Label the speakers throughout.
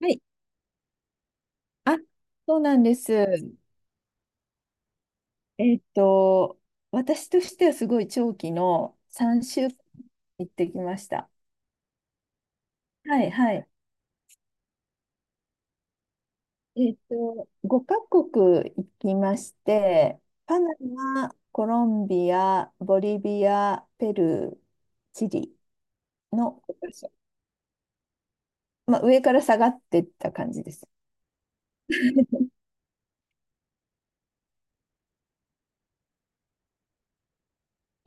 Speaker 1: はい。あ、そうなんです。えっと、私としてはすごい長期の3週間行ってきました。はい、はい。5カ国行きまして、パナマ、コロンビア、ボリビア、ペルー、チリのごかしょ、まあ、上から下がってった感じです。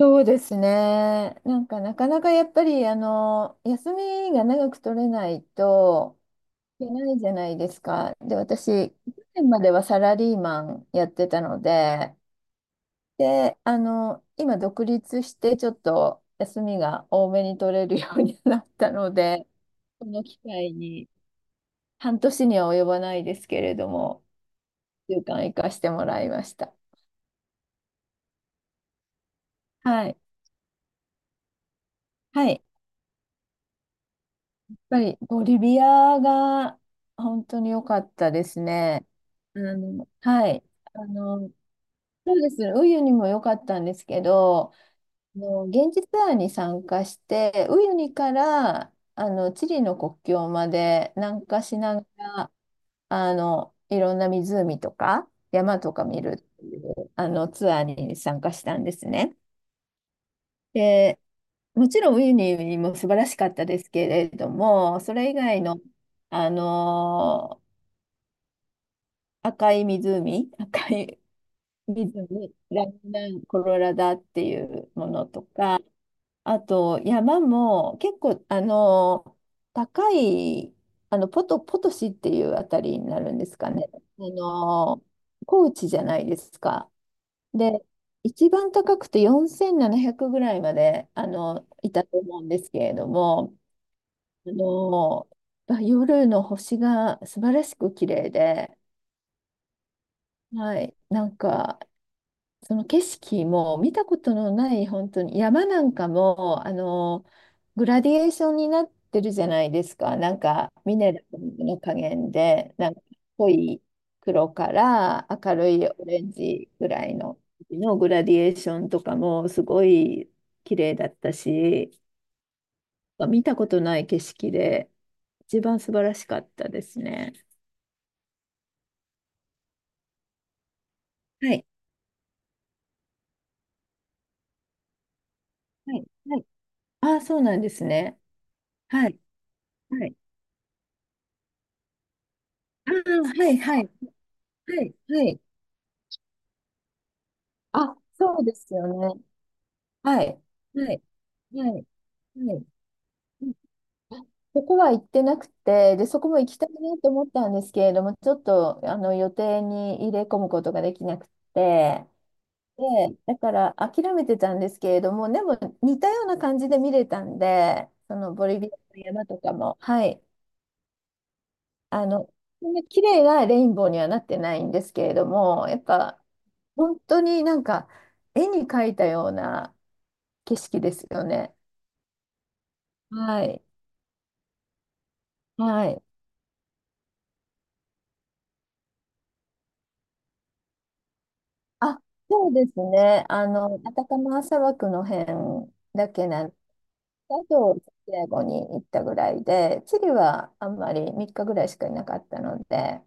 Speaker 1: そうですね。なんかなかなかやっぱりあの休みが長く取れないとじゃないですか。で、私、去年まではサラリーマンやってたので、で、今独立してちょっと休みが多めに取れるようになったので、この機会に半年には及ばないですけれども、1週間行かしてもらいました。はい。はい。やっぱりボリビアが本当に良かったですね。はい。あの、そうです。ウユニも良かったんですけど、現地ツアーに参加して、ウユニからチリの国境まで南下しながら、いろんな湖とか山とか見るっていうあのツアーに参加したんですね。で、もちろんウユニも素晴らしかったですけれども、それ以外の、あの赤い湖、赤い湖、ラグナンコロラダっていうものとか、あと、山も結構、高い、ポトシっていうあたりになるんですかね。あの、高地じゃないですか。で、一番高くて4700ぐらいまで、いたと思うんですけれども、あの、夜の星が素晴らしく綺麗で、はい、なんか、その景色も見たことのない本当に山なんかもグラディエーションになってるじゃないですか、なんかミネラルの加減でなんか濃い黒から明るいオレンジぐらいのグラディエーションとかもすごい綺麗だったし、見たことない景色で一番素晴らしかったですね。はい、はい、はい。ああ、そうなんですね。はい、はい。ああ、はい、はい、はい、はい。あ、そうですよね。はい。はい。はい。はい。うん。そこは行ってなくて、で、そこも行きたいなと思ったんですけれども、ちょっと予定に入れ込むことができなくて、で、だから諦めてたんですけれども、でも似たような感じで見れたんで、そのボリビアの山とかも、はい、あの、そんな綺麗なレインボーにはなってないんですけれども、やっぱ本当になんか絵に描いたような景色ですよね。はい。はい。あ、そうですね。アタカマ砂漠の辺だけなんで、あと、サンディエゴに行ったぐらいで、チリはあんまり3日ぐらいしかいなかったので、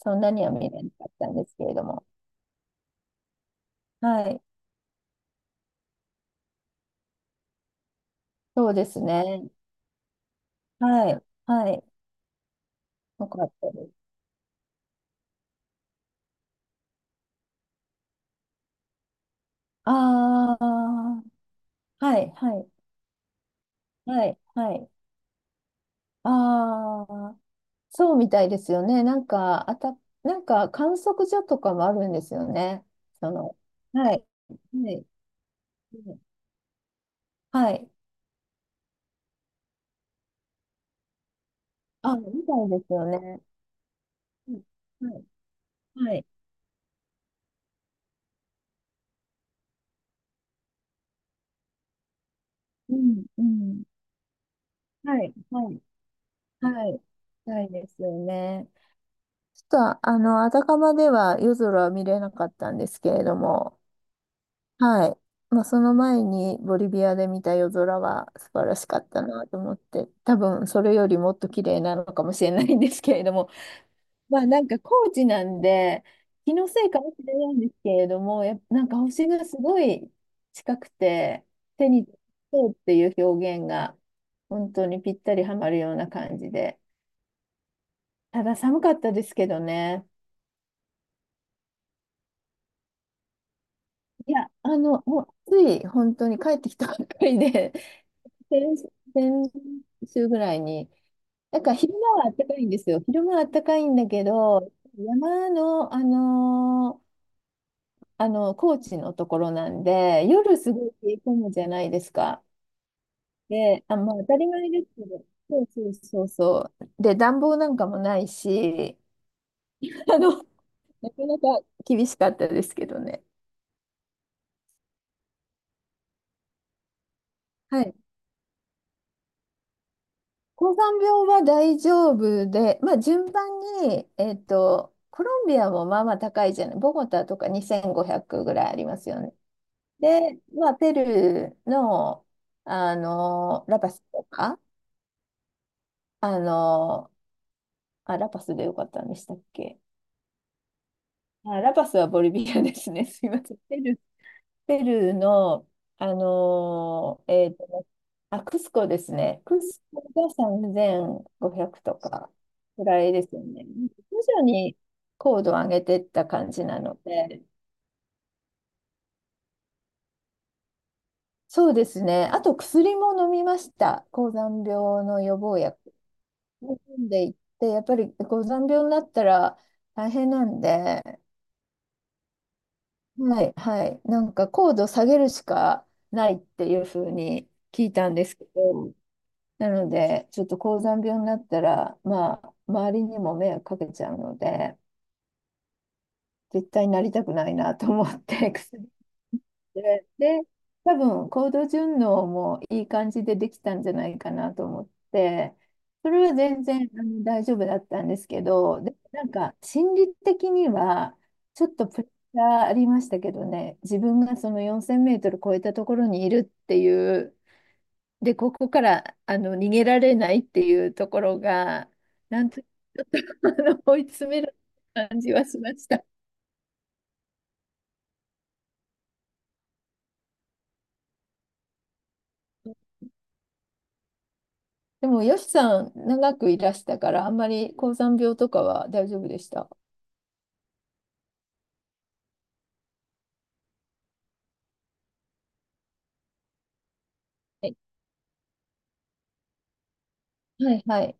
Speaker 1: そんなには見れなかったんですけれども。はい。そうですね。はい。はい。よかったです。ああ、はい、はい、はい、はい。ああ、そうみたいですよね。なんか、なんか観測所とかもあるんですよね。その、はい。はい。はい。あ、みたいですよね。うん。はい。はい。うん。うん。はい。はい。はい。ないですよね。ちょっと、あたかまでは夜空は見れなかったんですけれども、はい。まあ、その前にボリビアで見た夜空は素晴らしかったなと思って、多分それよりもっと綺麗なのかもしれないんですけれども、まあなんか高知なんで、気のせいかもしれないんですけれども、やっぱなんか星がすごい近くて、手にそうっていう表現が本当にぴったりはまるような感じで。ただ寒かったですけどね。いや、もうつい本当に帰ってきたばっかりで、先、先週ぐらいに。なんか昼間は暖かいんですよ。昼間は暖かいんだけど、山の、高知のところなんで、夜すごい冷え込むじゃないですか。で、まあ当たり前ですけど、そうそうそうそう。で、暖房なんかもないし、あの、なかなか厳しかったですけどね。はい。高山病は大丈夫で、まあ順番に、コロンビアもまあまあ高いじゃない。ボゴタとか2500ぐらいありますよね。で、まあペルーの、ラパスとか、あの、あ、ラパスでよかったんでしたっけ？あ、ラパスはボリビアですね。すいません。ペルーの、あのーえーと、あ、クスコですね。クスコが3500とかぐらいですよね。徐々に高度を上げていった感じなので、そうですね。あと薬も飲みました。高山病の予防薬。飲んでいって、やっぱり高山病になったら大変なんで、はい、はい。なんか高度下げるしかないっていうふうに聞いたんですけど、なので、ちょっと高山病になったら、まあ、周りにも迷惑かけちゃうので、絶対なりたくないなと思って、薬で、多分行動順応もいい感じでできたんじゃないかなと思って、それは全然大丈夫だったんですけど、で、なんか心理的にはちょっとプレッシャーありましたけどね、自分がその4000メートル超えたところにいるっていう、で、ここから逃げられないっていうところが、なんとかあ追い詰める感じはしました。でも、よしさん、長くいらしたから、あんまり高山病とかは大丈夫でした？はい、はい。はい、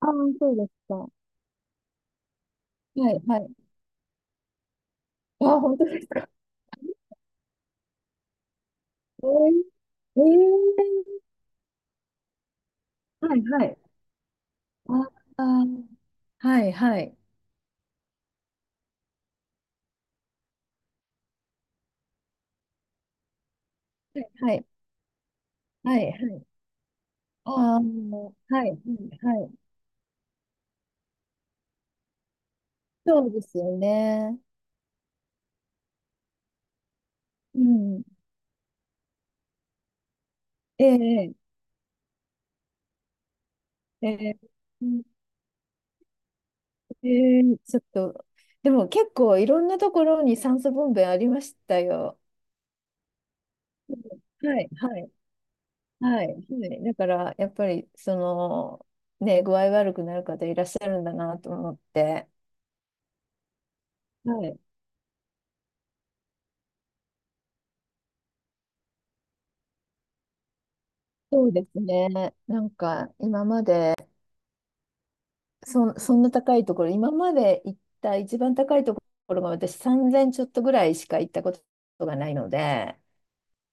Speaker 1: ああ、そうですか。はい。はい。あ、本当ですか。えー、えー。はい、はい。ああー、はい、はい。はい、はい、はい。はい。ああ、はい、はい、はい。そうですよね。うん。ええ、ええ、うん。ええ、ちょっと、でも結構いろんなところに酸素ボンベありましたよ。はい、はい。はい、はい。だから、やっぱり、ね、具合悪くなる方いらっしゃるんだなと思って。はい。そうですね。なんか、今まで、そんな高いところ、今まで行った一番高いところが私3000ちょっとぐらいしか行ったことがないので、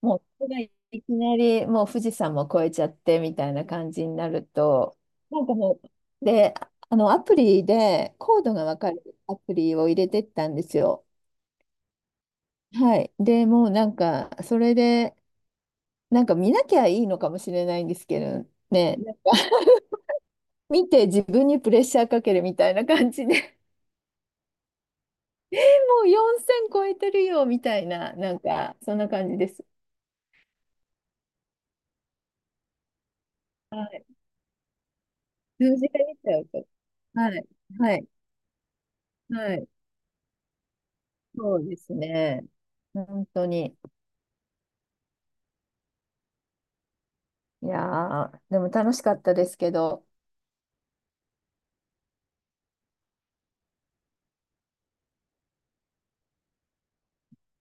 Speaker 1: もう、それがいきなり、もう富士山も越えちゃってみたいな感じになると、なんかもう、で、アプリで、コードがわかるアプリを入れてったんですよ。はい。でもうなんか、それで、なんか見なきゃいいのかもしれないんですけどね、なんか 見て自分にプレッシャーかけるみたいな感じで もう4000超えてるよみたいな、なんか、そんな感じです。はい。数字が出ちゃうと。はい。はい。はい。そうですね。本当に。いやー、でも楽しかったですけど、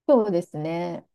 Speaker 1: そうですね。